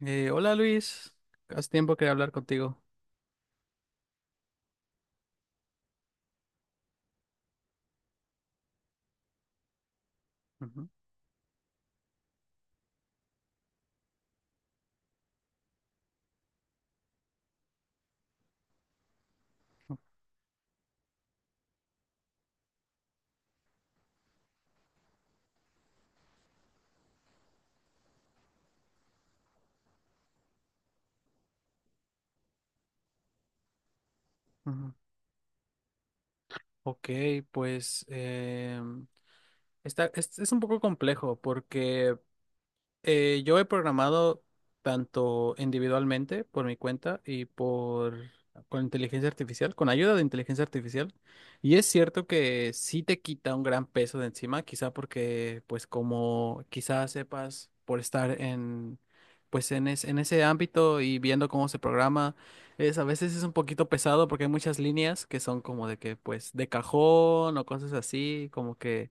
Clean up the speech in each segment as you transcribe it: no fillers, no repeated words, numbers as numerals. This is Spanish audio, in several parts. Hola Luis, hace tiempo que hablar contigo. Ujú, ujú. Ok, pues es un poco complejo porque yo he programado tanto individualmente por mi cuenta y por con inteligencia artificial, con ayuda de inteligencia artificial. Y es cierto que sí te quita un gran peso de encima, quizá porque, pues, como quizás sepas por estar en, pues, en ese ámbito y viendo cómo se programa, es a veces es un poquito pesado porque hay muchas líneas que son como pues, de cajón o cosas así, como que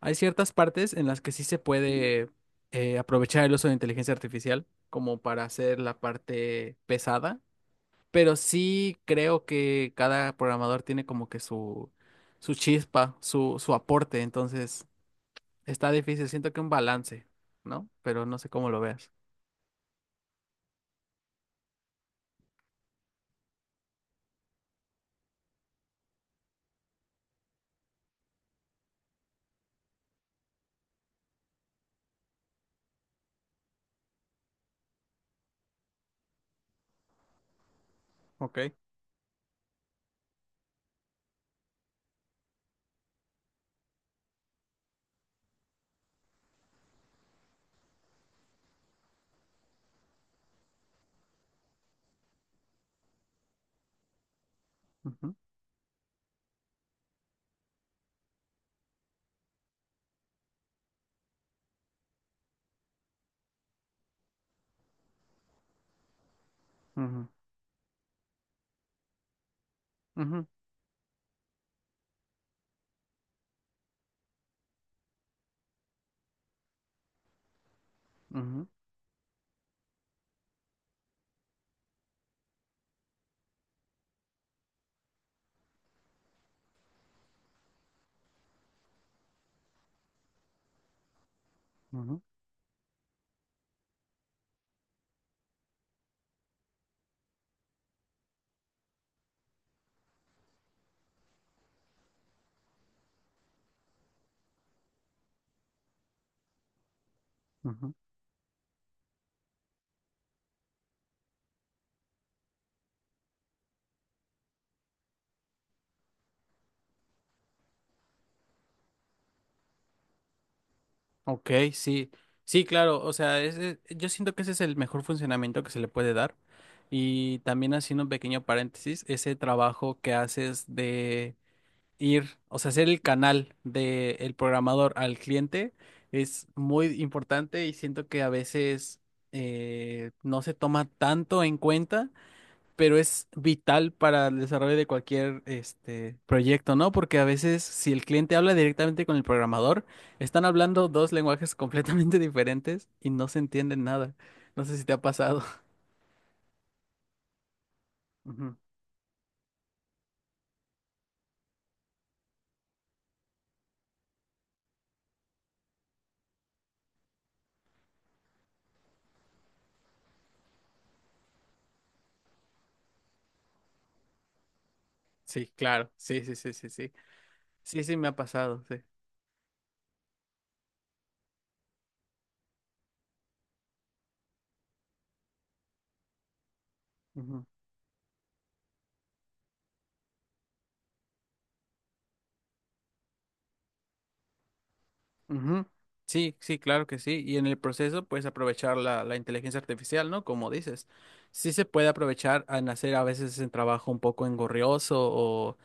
hay ciertas partes en las que sí se puede aprovechar el uso de inteligencia artificial como para hacer la parte pesada, pero sí creo que cada programador tiene como que su chispa, su aporte. Entonces, está difícil, siento que un balance, ¿no? Pero no sé cómo lo veas. Ok. Ujú, ujú, ujú, ujú, ujú, ujú. Ok, sí, sí, claro, o sea, yo siento que ese es el mejor funcionamiento que se le puede dar. Y también haciendo un pequeño paréntesis, ese trabajo que haces de ir, o sea, hacer el canal del programador al cliente es muy importante y siento que a veces no se toma tanto en cuenta, pero es vital para el desarrollo de cualquier este, proyecto, ¿no? Porque a veces si el cliente habla directamente con el programador, están hablando dos lenguajes completamente diferentes y no se entienden nada. No sé si te ha pasado. Ujú. Sí, claro, sí, sí, sí, sí, sí. Sí, sí, me ha pasado, sí. Ujú. Ujú. Sí, sí, claro que sí. Y en el proceso puedes aprovechar la inteligencia artificial, ¿no? Como dices. Sí se puede aprovechar en hacer a veces el trabajo un poco engorrioso, o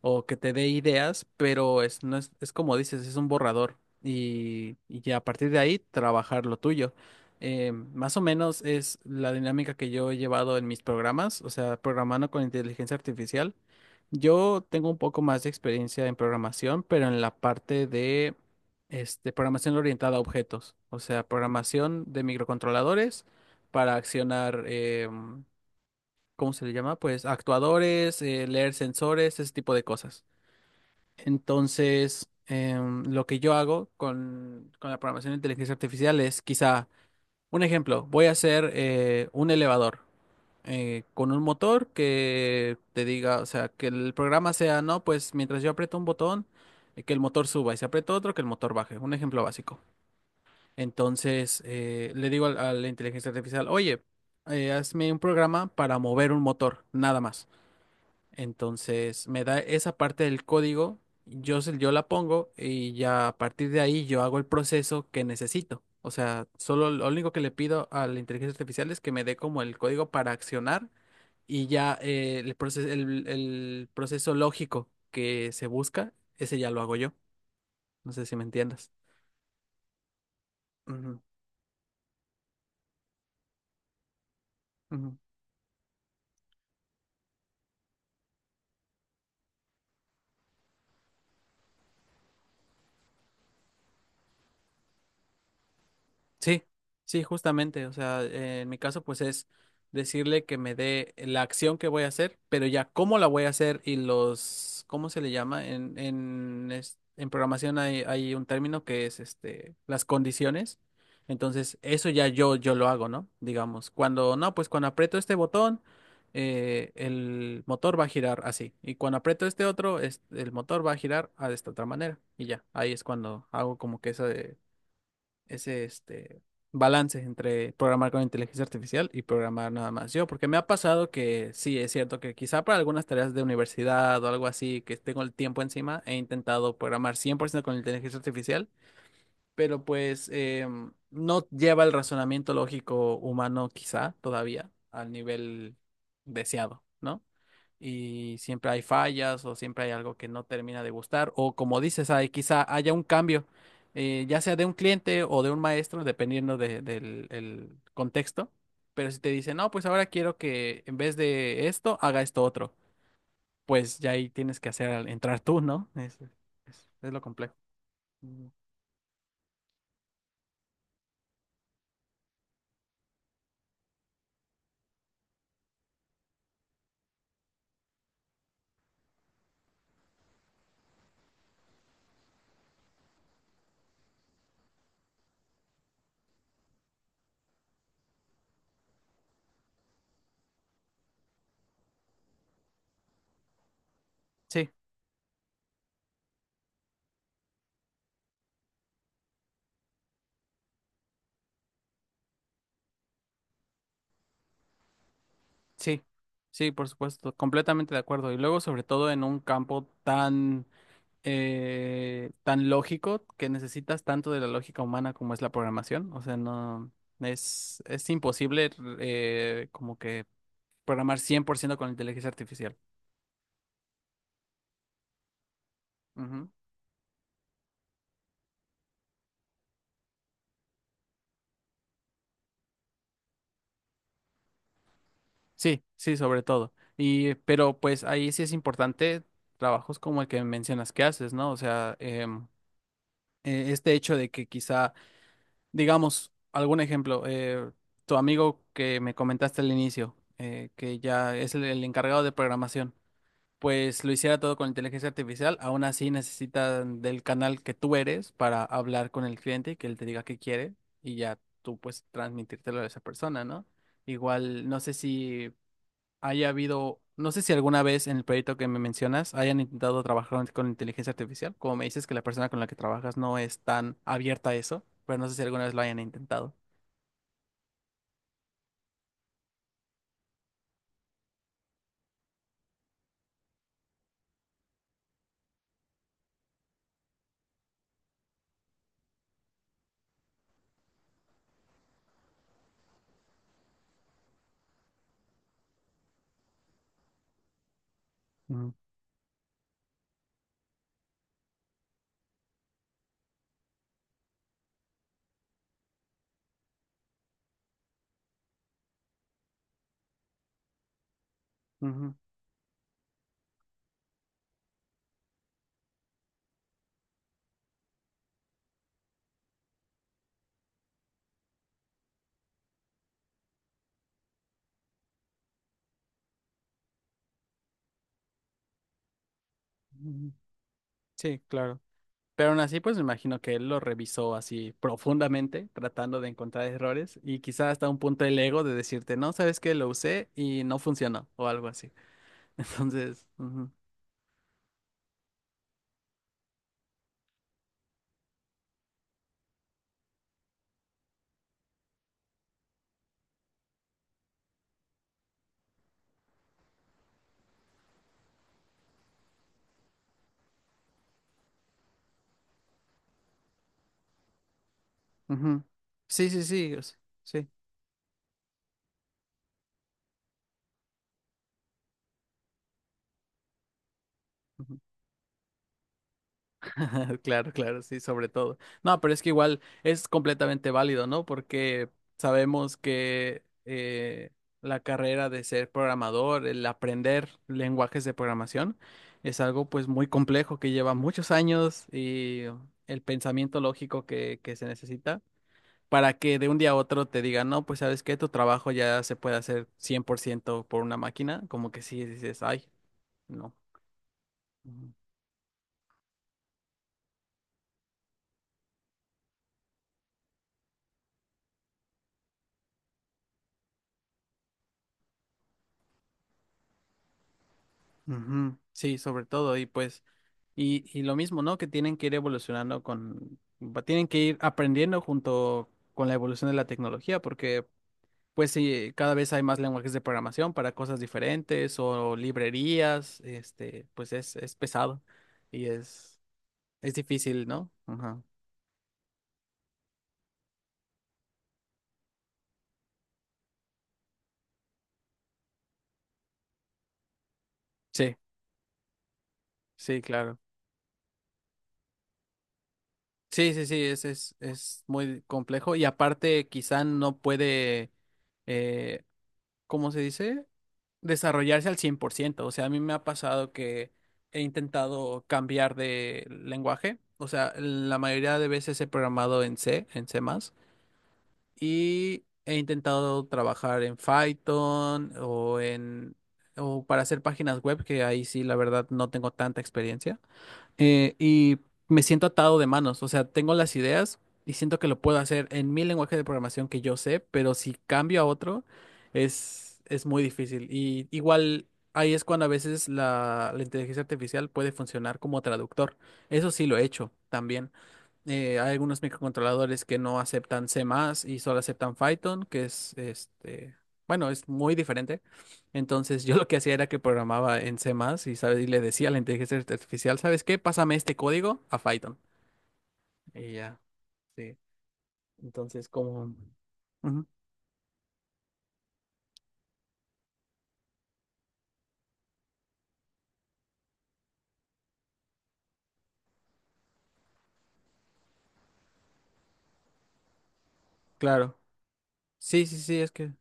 o que te dé ideas, pero es, no es, es como dices, es un borrador, y ya a partir de ahí trabajar lo tuyo. Más o menos es la dinámica que yo he llevado en mis programas, o sea, programando con inteligencia artificial. Yo tengo un poco más de experiencia en programación, pero en la parte de este, programación orientada a objetos, o sea, programación de microcontroladores para accionar, ¿cómo se le llama? Pues actuadores, leer sensores, ese tipo de cosas. Entonces, lo que yo hago con la programación de inteligencia artificial es quizá, un ejemplo, voy a hacer un elevador con un motor que te diga, o sea, que el programa sea, no, pues mientras yo aprieto un botón, que el motor suba y si aprieto otro, que el motor baje. Un ejemplo básico. Entonces, le digo a la inteligencia artificial, oye, hazme un programa para mover un motor, nada más. Entonces me da esa parte del código, yo la pongo y ya a partir de ahí yo hago el proceso que necesito. O sea, solo lo único que le pido a la inteligencia artificial es que me dé como el código para accionar, y ya el proceso, el proceso lógico que se busca, ese ya lo hago yo. No sé si me entiendas. Ujú, ujú. Sí, sí, justamente. O sea, en mi caso, pues es decirle que me dé la acción que voy a hacer, pero ya cómo la voy a hacer y los, ¿cómo se le llama? En programación hay un término que es este, las condiciones. Entonces, eso ya yo lo hago, ¿no? Digamos, cuando no, pues cuando aprieto este botón, el motor va a girar así. Y cuando aprieto este otro, el motor va a girar de esta otra manera. Y ya, ahí es cuando hago como que eso ese este, balance entre programar con inteligencia artificial y programar nada más yo, porque me ha pasado que sí, es cierto que quizá para algunas tareas de universidad o algo así, que tengo el tiempo encima, he intentado programar 100% con inteligencia artificial, pero pues no lleva el razonamiento lógico humano quizá todavía al nivel deseado, ¿no? Y siempre hay fallas o siempre hay algo que no termina de gustar, o como dices, hay, quizá haya un cambio, ya sea de un cliente o de un maestro, dependiendo de- del el contexto, pero si te dicen, no, pues ahora quiero que en vez de esto haga esto otro, pues ya ahí tienes que hacer entrar tú, ¿no? Es lo complejo. Mm. Sí, sí, sí, por supuesto, completamente de acuerdo. Y luego, sobre todo en un campo tan tan lógico que necesitas tanto de la lógica humana como es la programación. O sea, no es, es imposible como que programar 100% con inteligencia artificial. Ujú. Sí, sí, sobre todo. Y, pero pues ahí sí es importante trabajos como el que mencionas que haces, ¿no? O sea, este hecho de que quizá, digamos, algún ejemplo, tu amigo que me comentaste al inicio, que ya es el encargado de programación, pues lo hiciera todo con inteligencia artificial. Aún así necesitan del canal que tú eres para hablar con el cliente y que él te diga qué quiere, y ya tú pues transmitírtelo a esa persona, ¿no? Igual, no sé si haya habido, no sé si alguna vez en el proyecto que me mencionas hayan intentado trabajar con inteligencia artificial, como me dices que la persona con la que trabajas no es tan abierta a eso, pero no sé si alguna vez lo hayan intentado. Ujú, ujú, ujú. Sí, claro. Pero aún así, pues me imagino que él lo revisó así profundamente, tratando de encontrar errores y quizá hasta un punto el ego de decirte, no, sabes que lo usé y no funcionó o algo así. Entonces, ujú, ujú. Sí, sí, sí, o sea, sí. Claro, claro, sí, sobre todo. No, pero es que igual es completamente válido, ¿no? Porque sabemos que la carrera de ser programador, el aprender lenguajes de programación, es algo pues muy complejo que lleva muchos años, y el pensamiento lógico que se necesita para que de un día a otro te digan, no, pues sabes que tu trabajo ya se puede hacer 100% por ciento por una máquina, como que sí dices, ay, no. Ujú. Ujú. Sí, sobre todo, y pues... Y lo mismo, ¿no? Que tienen que ir evolucionando con, tienen que ir aprendiendo junto con la evolución de la tecnología, porque pues sí, cada vez hay más lenguajes de programación para cosas diferentes o librerías, este, pues es pesado y es difícil, ¿no? Ajá. Sí, sí, claro. Sí, sí, sí, es muy complejo y aparte quizá no puede, eh, ¿cómo se dice? Desarrollarse al cien por ciento. O sea, a mí me ha pasado que he intentado cambiar de lenguaje. O sea, la mayoría de veces he programado en C, en C++, y he intentado trabajar en Python o en, o para hacer páginas web, que ahí sí, la verdad, no tengo tanta experiencia, y me siento atado de manos, o sea, tengo las ideas y siento que lo puedo hacer en mi lenguaje de programación que yo sé, pero si cambio a otro es muy difícil. Y igual ahí es cuando a veces la inteligencia artificial puede funcionar como traductor. Eso sí lo he hecho también. Hay algunos microcontroladores que no aceptan C++ más y solo aceptan Python, que es este, bueno, es muy diferente. Entonces yo lo que hacía era que programaba en C++ más y, sabes, y le decía a la inteligencia artificial, ¿sabes qué? Pásame este código a Python. Y ya, sí. Entonces como... Ujú, claro. Sí, sí, sí, es que...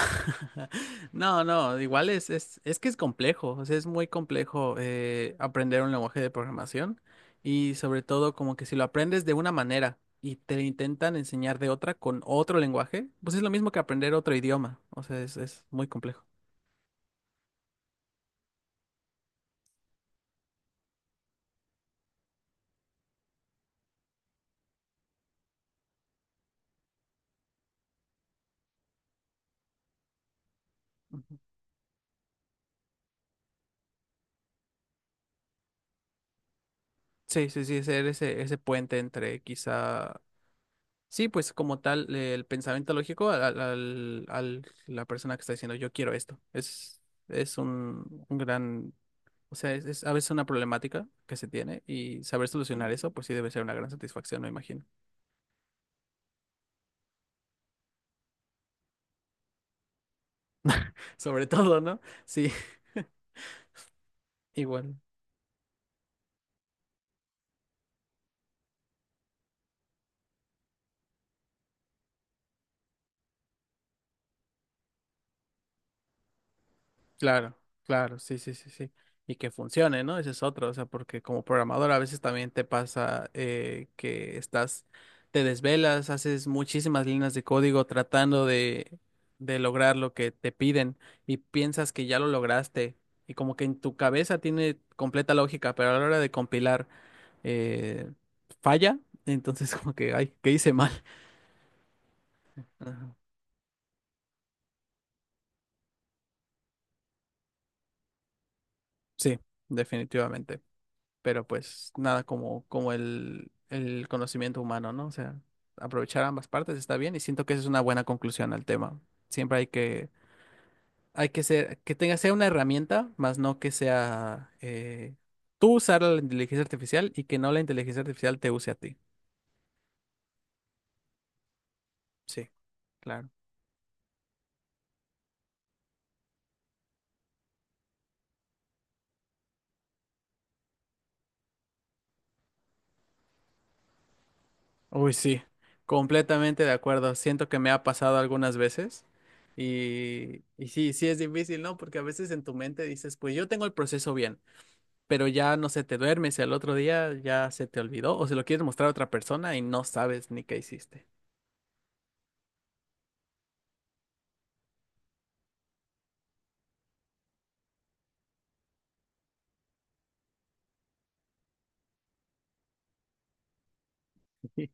No, no, igual es que es complejo, o sea, es muy complejo aprender un lenguaje de programación, y sobre todo como que si lo aprendes de una manera y te lo intentan enseñar de otra con otro lenguaje, pues es lo mismo que aprender otro idioma, o sea, es muy complejo. Ujú. Sí, sí, sí, ser ese, ese puente entre quizá. Sí, pues como tal, el pensamiento lógico al, al, al- al- la persona que está diciendo yo quiero esto. Es un gran, o sea, es a veces una problemática que se tiene, y saber solucionar eso, pues sí debe ser una gran satisfacción, me imagino. Sobre todo, ¿no? Sí, igual. Claro, claro, sí, sí, sí, sí. Y que funcione, ¿no? Ese es otro, o sea, porque como programador a veces también te pasa que estás, te desvelas, haces muchísimas líneas de código tratando de lograr lo que te piden, y piensas que ya lo lograste y como que en tu cabeza tiene completa lógica, pero a la hora de compilar eh, falla, entonces como que, ay, ¿qué hice mal? Ajá. Sí, definitivamente. Pero pues nada como, como el conocimiento humano, ¿no? O sea, aprovechar ambas partes está bien y siento que esa es una buena conclusión al tema. Siempre hay que ser, que tenga, sea una herramienta, más no que sea tú usar la inteligencia artificial y que no la inteligencia artificial te use a ti. Sí, claro. Uy, sí, completamente de acuerdo. Siento que me ha pasado algunas veces. Y sí, sí es difícil, ¿no? Porque a veces en tu mente dices, pues yo tengo el proceso bien, pero ya no sé, te duermes y al otro día ya se te olvidó o se lo quieres mostrar a otra persona y no sabes ni qué hiciste.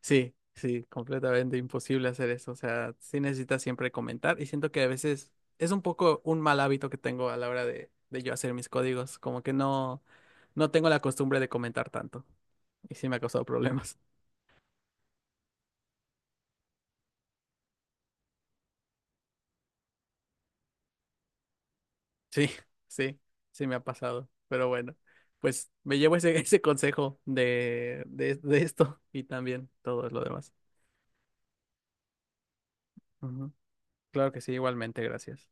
Sí, sí, completamente imposible hacer eso. O sea, sí necesitas siempre comentar, y siento que a veces es un poco un mal hábito que tengo a la hora de yo hacer mis códigos, como que no, no tengo la costumbre de comentar tanto y sí me ha causado problemas. Sí, sí, sí me ha pasado, pero bueno, pues me llevo ese, ese consejo de esto y también todo lo demás. Ujú. Claro que sí, igualmente, gracias.